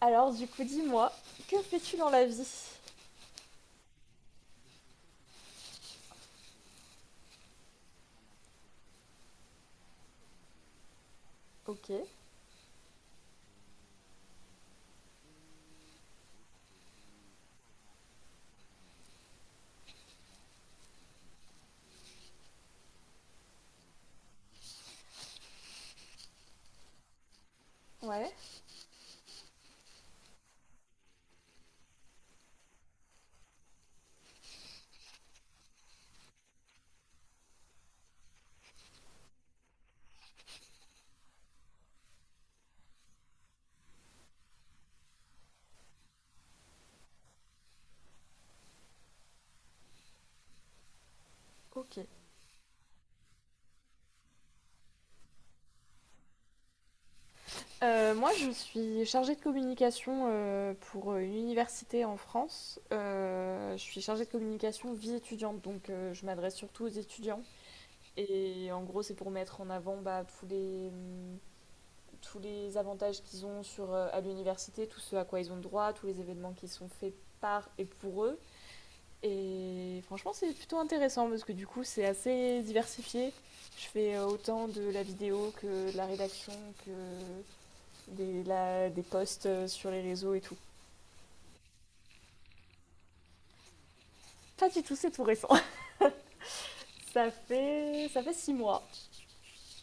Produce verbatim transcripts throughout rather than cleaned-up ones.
Alors, du coup, dis-moi, que fais-tu dans la vie? Ok, ouais, ok. Euh, moi, je suis chargée de communication euh, pour euh, une université en France. Euh, je suis chargée de communication vie étudiante, donc euh, je m'adresse surtout aux étudiants. Et en gros, c'est pour mettre en avant bah, tous les, hum, tous les avantages qu'ils ont sur, euh, à l'université, tout ce à quoi ils ont droit, tous les événements qui sont faits par et pour eux. Et franchement, c'est plutôt intéressant parce que du coup, c'est assez diversifié. Je fais euh, autant de la vidéo que de la rédaction, que des, la- des posts euh, sur les réseaux et tout. Pas du tout, c'est tout récent. Ça fait, ça fait six mois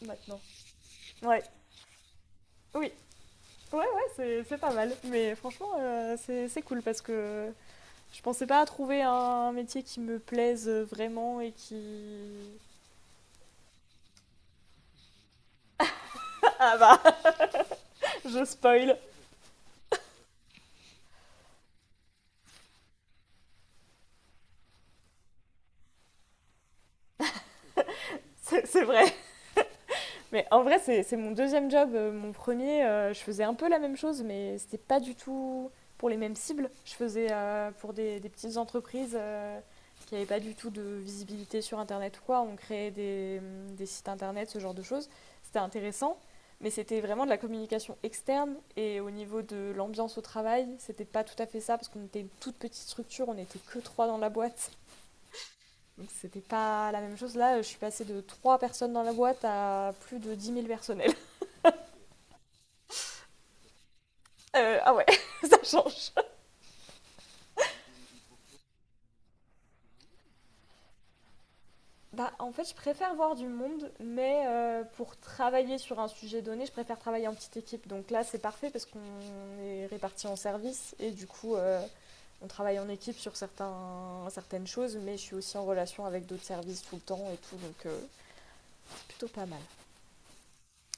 maintenant. Ouais, oui, ouais, ouais, c'est c'est pas mal. Mais franchement, euh, c'est c'est cool parce que je pensais pas à trouver un métier qui me plaise vraiment et qui. Ah bah, je spoil, c'est c'est vrai. Mais en vrai, c'est c'est mon deuxième job. Euh, Mon premier, euh, je faisais un peu la même chose, mais c'était pas du tout pour les mêmes cibles. Je faisais euh, pour des, des petites entreprises euh, qui n'avaient pas du tout de visibilité sur Internet ou quoi. On créait des, des sites Internet, ce genre de choses. C'était intéressant, mais c'était vraiment de la communication externe. Et au niveau de l'ambiance au travail, c'était pas tout à fait ça, parce qu'on était une toute petite structure, on n'était que trois dans la boîte. Donc c'était pas la même chose. Là, je suis passée de trois personnes dans la boîte à plus de dix mille personnes. Euh, ah ouais, ça change. Bah, en fait, je préfère voir du monde, mais euh, pour travailler sur un sujet donné, je préfère travailler en petite équipe. Donc là, c'est parfait parce qu'on est répartis en services et du coup, euh, on travaille en équipe sur certains, certaines choses, mais je suis aussi en relation avec d'autres services tout le temps et tout, donc euh, plutôt pas mal.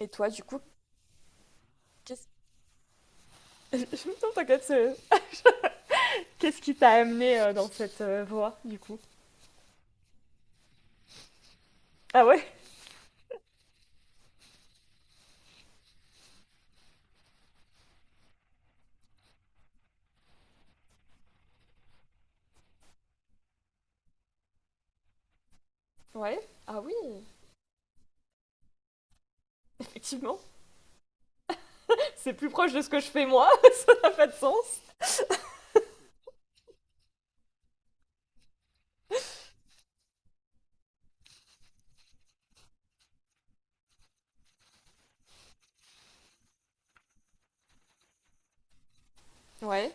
Et toi, du coup, qu'est-ce Non, t'inquiète, c'est- qu'est-ce qui t'a amené euh, dans cette euh, voie, du coup. Ah ouais. Ouais. Ah oui, effectivement. C'est plus proche de ce que je fais moi, ça n'a pas de sens. Ouais,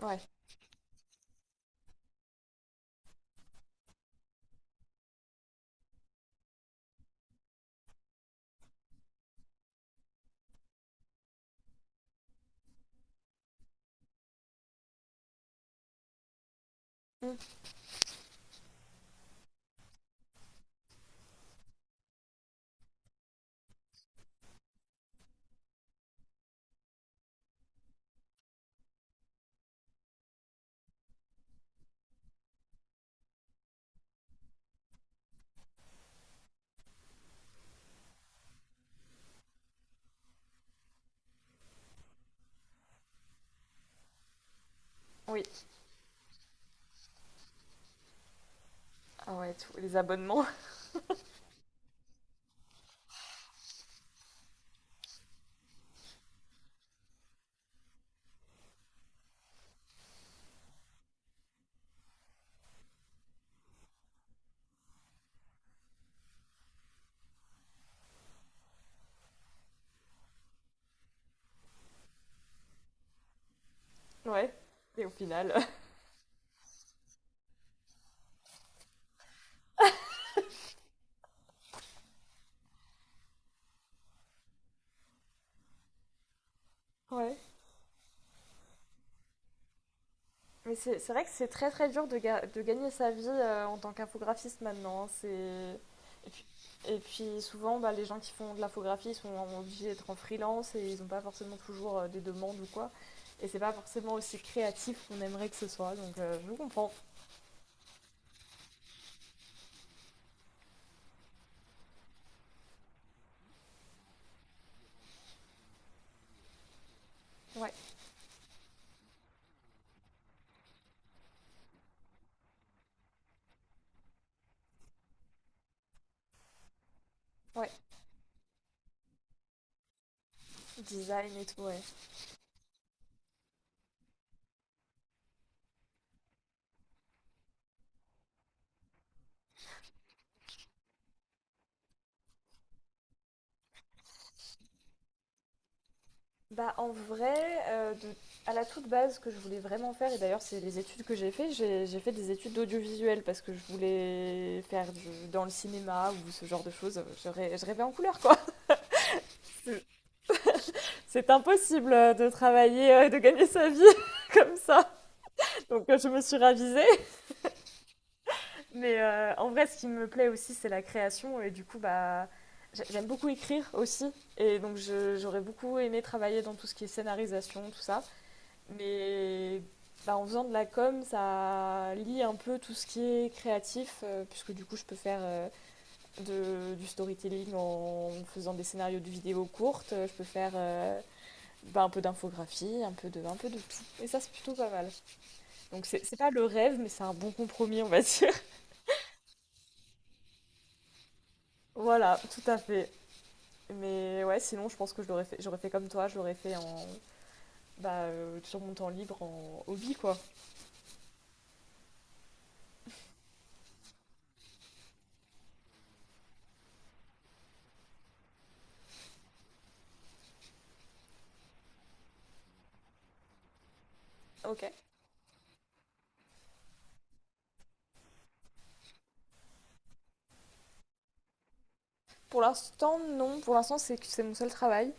ouais. Mm. Oui. Ah ouais, tous les abonnements. Ouais. Et au final. Ouais. Mais c'est c'est vrai que c'est très très dur de, ga- de gagner sa vie euh, en tant qu'infographiste maintenant, hein. C'est... Et, puis, et puis souvent, bah, les gens qui font de l'infographie sont obligés d'être en freelance et ils n'ont pas forcément toujours euh, des demandes ou quoi. Et c'est pas forcément aussi créatif qu'on aimerait que ce soit, donc euh, je vous comprends. Ouais, ouais. Design et tout, ouais. Bah, en vrai, euh, de- à la toute base, ce que je voulais vraiment faire, et d'ailleurs, c'est les études que j'ai fait, j'ai j'ai fait des études d'audiovisuel parce que je voulais faire du- dans le cinéma ou ce genre de choses. Je, rê- je rêvais en couleur, quoi. C'est c'est impossible euh, de travailler, euh, de gagner sa vie comme ça. Donc, euh, je me suis ravisée. Mais euh, en vrai, ce qui me plaît aussi, c'est la création. Et du coup, bah, j'a- j'aime beaucoup écrire aussi. Et donc, je- j'aurais beaucoup aimé travailler dans tout ce qui est scénarisation, tout ça. Mais bah, en faisant de la com, ça lie un peu tout ce qui est créatif, euh, puisque du coup, je peux faire euh, de- du storytelling en faisant des scénarios de vidéos courtes, je peux faire euh, bah, un peu d'infographie, un peu de, un peu de tout. Et ça, c'est plutôt pas mal. Donc, c'est c'est pas le rêve, mais c'est un bon compromis, on va dire. Voilà, tout à fait. Mais ouais, sinon, je pense que je l'aurais fait, j'aurais fait comme toi, je l'aurais fait en, bah, euh, sur mon temps libre en hobby, quoi. Ok. Pour l'instant, non. Pour l'instant, c'est c'est mon seul travail.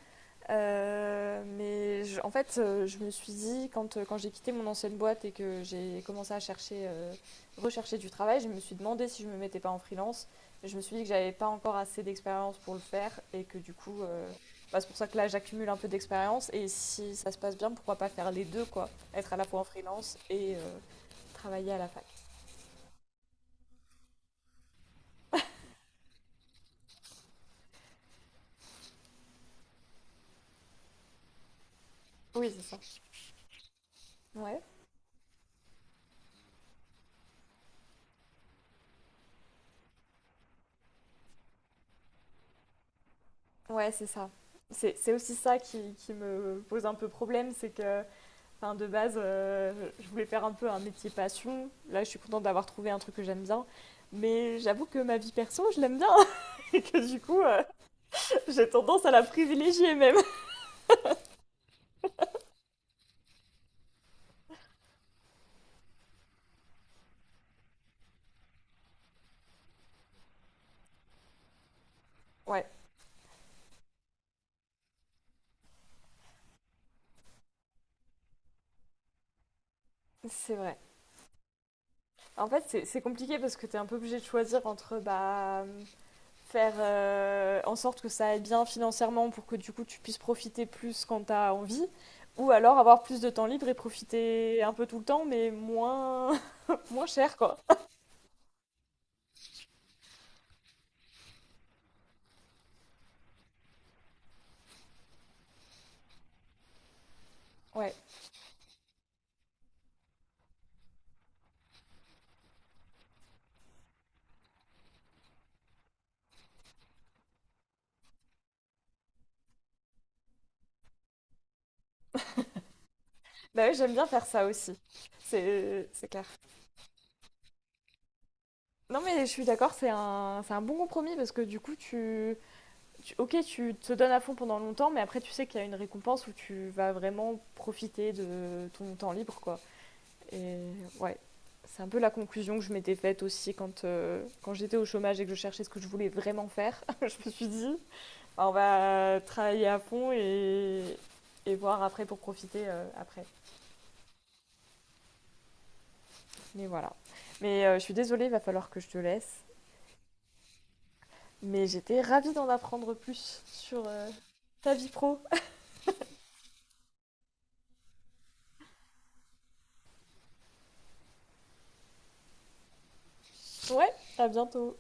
Euh, mais je- en fait, euh, je me suis dit, quand, euh, quand j'ai quitté mon ancienne boîte et que j'ai commencé à chercher, euh, rechercher du travail, je me suis demandé si je me mettais pas en freelance. Mais je me suis dit que j'avais pas encore assez d'expérience pour le faire et que du coup, euh, bah, c'est pour ça que là, j'accumule un peu d'expérience. Et si ça se passe bien, pourquoi pas faire les deux, quoi? Être à la fois en freelance et euh, travailler à la fac. Oui, c'est ça. Ouais, ouais, c'est ça. C'est c'est aussi ça qui, qui me pose un peu problème, c'est que. Enfin, de base, euh, je voulais faire un peu un métier passion. Là, je suis contente d'avoir trouvé un truc que j'aime bien. Mais j'avoue que ma vie perso, je l'aime bien. Et que du coup, euh, j'ai tendance à la privilégier même. Ouais, c'est vrai. En fait, c'est c'est compliqué parce que t'es un peu obligé de choisir entre bah, faire euh, en sorte que ça aille bien financièrement pour que du coup tu puisses profiter plus quand t'as envie, ou alors avoir plus de temps libre et profiter un peu tout le temps, mais moins, moins cher quoi. Ouais. Bah oui, j'aime bien faire ça aussi. C'est c'est clair. Non, mais je suis d'accord, c'est un, c'est un bon compromis parce que du coup, tu, tu- ok, tu te donnes à fond pendant longtemps, mais après, tu sais qu'il y a une récompense où tu vas vraiment profiter de ton temps libre, quoi. Et ouais, c'est un peu la conclusion que je m'étais faite aussi quand, euh, quand j'étais au chômage et que je cherchais ce que je voulais vraiment faire. Je me suis dit, bah, on va travailler à fond et, et voir après pour profiter euh, après. Mais voilà. Mais euh, je suis désolée, il va falloir que je te laisse. Mais j'étais ravie d'en apprendre plus sur euh, ta vie pro. Ouais, à bientôt.